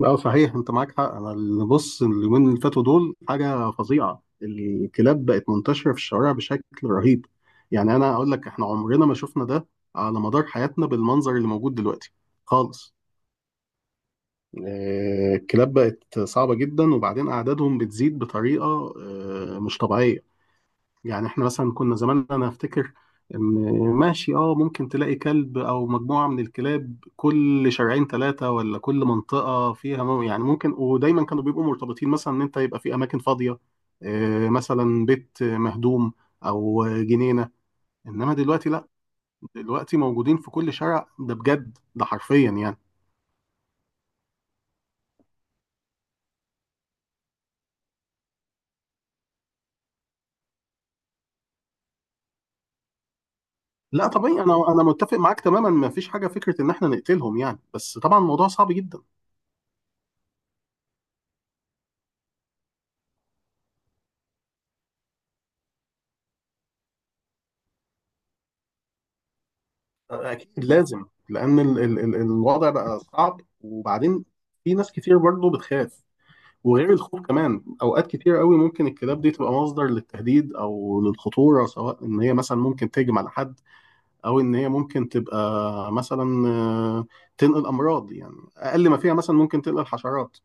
اه، صحيح انت معاك حق. انا اللي بص اليومين اللي فاتوا دول، حاجه فظيعه، الكلاب بقت منتشره في الشوارع بشكل رهيب. يعني انا اقول لك احنا عمرنا ما شفنا ده على مدار حياتنا بالمنظر اللي موجود دلوقتي خالص. الكلاب بقت صعبه جدا، وبعدين اعدادهم بتزيد بطريقه مش طبيعيه. يعني احنا مثلا كنا زمان، انا افتكر ان، ماشي اه، ممكن تلاقي كلب او مجموعة من الكلاب كل شارعين ثلاثة، ولا كل منطقة فيها يعني ممكن، ودايما كانوا بيبقوا مرتبطين مثلا ان انت يبقى في اماكن فاضية، مثلا بيت مهدوم او جنينة. انما دلوقتي لا، دلوقتي موجودين في كل شارع، ده بجد، ده حرفيا يعني. لا طبيعي، انا متفق معاك تماما، ما فيش حاجة فكرة ان احنا نقتلهم يعني، بس طبعا الموضوع صعب جدا. اكيد لازم، لان ال الوضع بقى صعب، وبعدين في ناس كتير برضه بتخاف. وغير الخوف كمان، اوقات كتير قوي ممكن الكلاب دي تبقى مصدر للتهديد او للخطوره، سواء ان هي مثلا ممكن تهجم على حد، او ان هي ممكن تبقى مثلا تنقل امراض، يعني اقل ما فيها مثلا ممكن تنقل حشرات.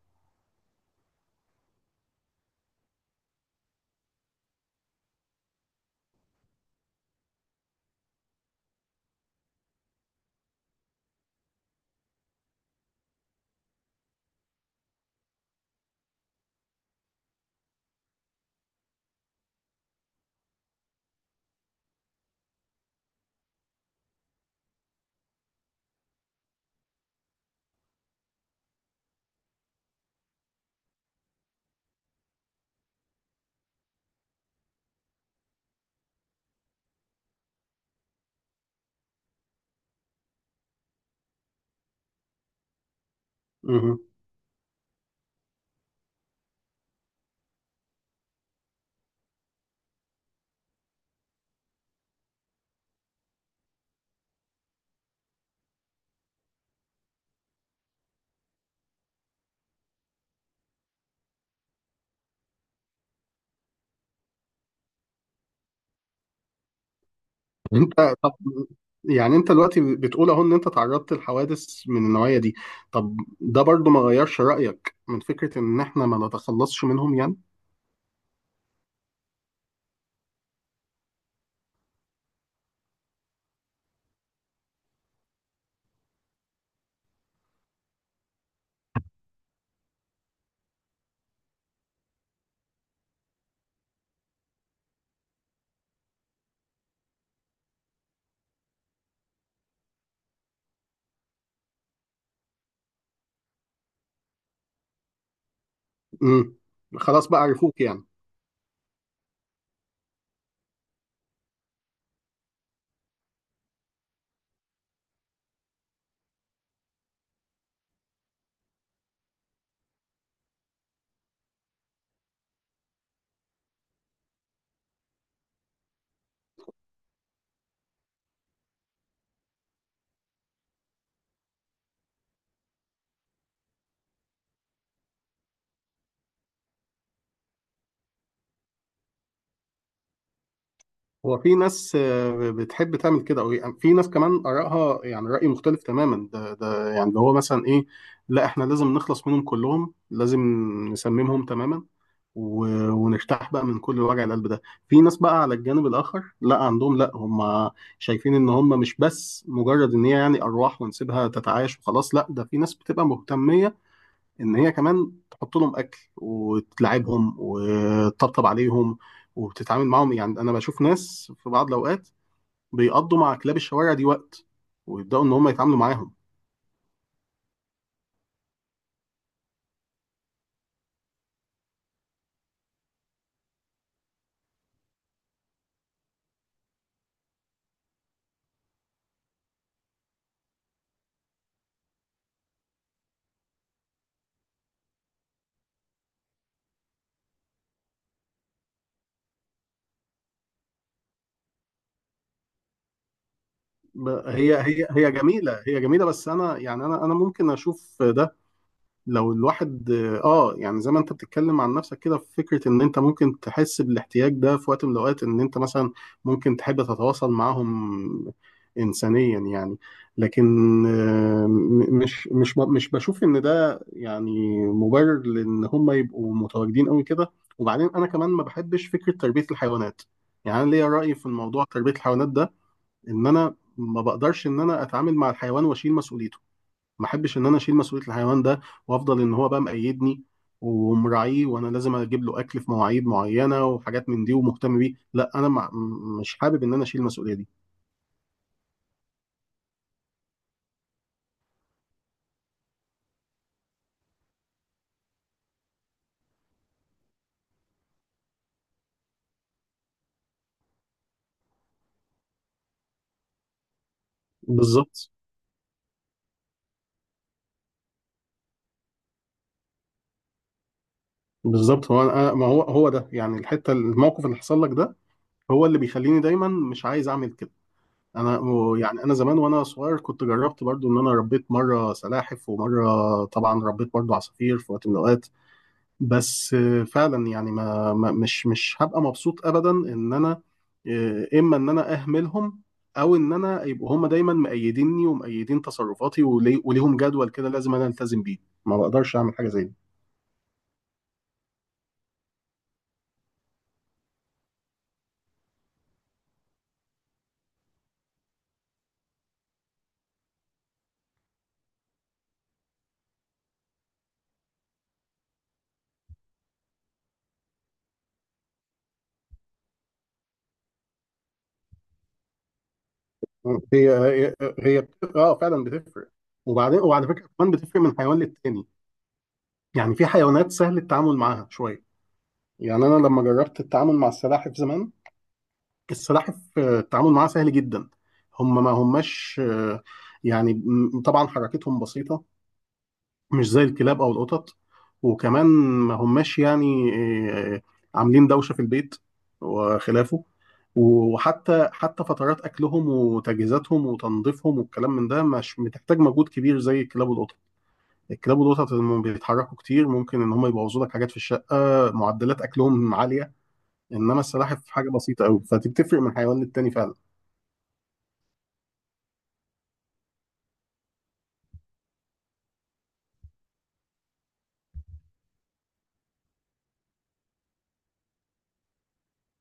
انت، طب، يعني انت دلوقتي بتقول اهو ان انت تعرضت لحوادث من النوعية دي، طب ده برضو ما غيرش رأيك من فكرة ان احنا ما نتخلصش منهم يعني؟ امم. خلاص بقى، عرفوك يعني. هو في ناس بتحب تعمل كده، او يعني في ناس كمان آرائها، يعني رأي مختلف تماما، ده يعني اللي هو مثلا ايه، لا احنا لازم نخلص منهم كلهم، لازم نسممهم تماما ونرتاح بقى من كل وجع القلب ده. في ناس بقى على الجانب الآخر، لا عندهم، لا هم شايفين ان هم مش بس مجرد ان هي يعني أرواح ونسيبها تتعايش وخلاص، لا ده في ناس بتبقى مهتمة ان هي كمان تحط لهم اكل وتلعبهم وتطبطب عليهم وبتتعامل معاهم. يعني انا بشوف ناس في بعض الاوقات بيقضوا مع كلاب الشوارع دي وقت، ويبداوا ان هم يتعاملوا معاهم. هي جميله، هي جميله، بس انا يعني انا ممكن اشوف ده لو الواحد اه، يعني زي ما انت بتتكلم عن نفسك كده، في فكره ان انت ممكن تحس بالاحتياج ده في وقت من الاوقات، ان انت مثلا ممكن تحب تتواصل معاهم انسانيا يعني. لكن مش مش مش بشوف ان ده يعني مبرر لان هم يبقوا متواجدين قوي كده. وبعدين انا كمان ما بحبش فكره تربيه الحيوانات. يعني انا ليا راي في الموضوع تربيه الحيوانات ده، ان انا ما بقدرش ان انا اتعامل مع الحيوان واشيل مسؤوليته. ما احبش ان انا اشيل مسؤوليه الحيوان ده، وافضل ان هو بقى مقيدني ومراعيه، وانا لازم اجيب له اكل في مواعيد معينه وحاجات من دي ومهتم بيه. لا انا ما، مش حابب ان انا اشيل المسؤوليه دي. بالظبط. بالظبط، هو أنا، ما هو ده يعني الحته، الموقف اللي حصل لك ده هو اللي بيخليني دايما مش عايز اعمل كده. انا يعني انا زمان وانا صغير كنت جربت برضو ان انا ربيت مره سلاحف، ومره طبعا ربيت برضو عصافير في وقت من الاوقات. بس فعلا يعني مش هبقى مبسوط ابدا ان انا اما ان انا اهملهم، او ان انا يبقوا هم دايما مأيديني ومأيدين تصرفاتي، وليهم جدول كده لازم انا التزم بيه. ما بقدرش اعمل حاجه زي دي. هي اه، فعلا بتفرق. وبعدين وعلى فكره كمان بتفرق من حيوان للتاني، يعني في حيوانات سهل التعامل معاها شويه. يعني انا لما جربت التعامل مع السلاحف زمان، السلاحف التعامل معاها سهل جدا. هم ما هماش، يعني طبعا حركتهم بسيطة، مش زي الكلاب أو القطط. وكمان ما هماش يعني آه، عاملين دوشة في البيت وخلافه. وحتى فترات أكلهم وتجهيزاتهم وتنظيفهم والكلام من ده مش بتحتاج مجهود كبير زي الكلاب والقطط. الكلاب والقطط لما بيتحركوا كتير ممكن إن هم يبوظوا لك حاجات في الشقة، معدلات أكلهم عالية. إنما السلاحف حاجة بسيطة أوي، فدي بتفرق من حيوان للتاني فعلا.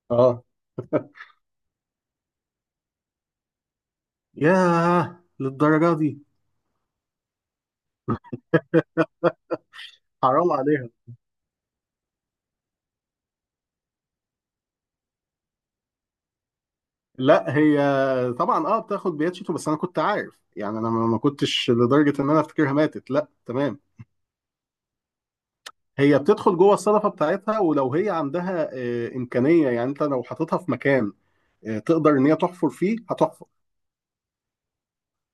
اه. ياه، للدرجه دي؟ حرام عليها. لا، هي طبعا اه بتاخد بياتشيتو، بس انا كنت عارف يعني، انا ما كنتش لدرجه ان انا افتكرها ماتت، لا، تمام. هي بتدخل جوه الصدفه بتاعتها، ولو هي عندها امكانيه، يعني انت لو حاططها في مكان تقدر ان هي تحفر فيه، هتحفر.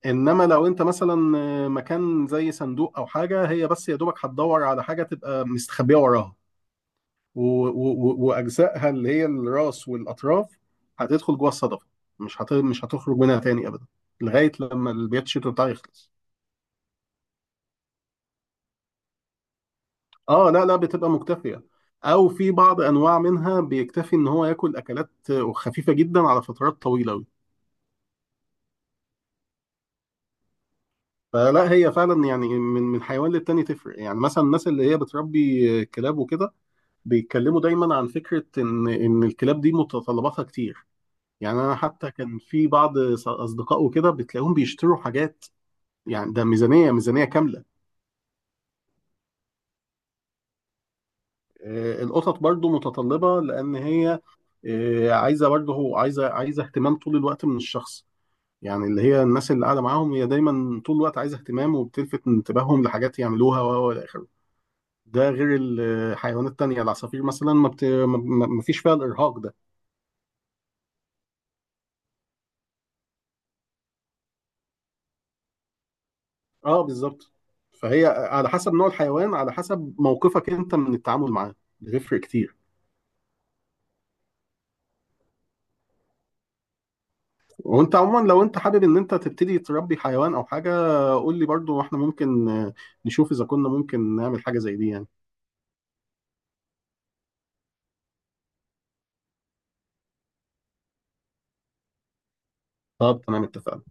انما لو انت مثلا مكان زي صندوق او حاجه، هي بس يا دوبك هتدور على حاجه تبقى مستخبيه وراها، واجزائها اللي هي الراس والاطراف هتدخل جوه الصدفه، مش هتخرج منها تاني ابدا، لغايه لما البيت الشتوي بتاعه يخلص. اه، لا لا، بتبقى مكتفيه، او في بعض انواع منها بيكتفي ان هو ياكل اكلات خفيفه جدا على فترات طويله قوي. فلا، هي فعلا يعني، من حيوان للتاني تفرق، يعني مثلا الناس اللي هي بتربي كلاب وكده بيتكلموا دايما عن فكره ان الكلاب دي متطلباتها كتير. يعني انا حتى كان في بعض اصدقاء وكده بتلاقيهم بيشتروا حاجات، يعني ده ميزانية ميزانية كاملة. القطط برضو متطلبة لأن هي عايزة برضو، هو عايزة اهتمام طول الوقت من الشخص. يعني اللي هي الناس اللي قاعدة معاهم، هي دايما طول الوقت عايزة اهتمام، وبتلفت انتباههم لحاجات يعملوها و إلى آخره. ده غير الحيوانات التانية، العصافير مثلا ما فيش فيها الإرهاق ده. اه بالظبط. فهي على حسب نوع الحيوان، على حسب موقفك انت من التعامل معاه، بيفرق كتير. وانت عموما لو انت حابب ان انت تبتدي تربي حيوان او حاجه، قول لي برضو، واحنا ممكن نشوف اذا كنا ممكن نعمل حاجه زي دي يعني. طب تمام، اتفقنا.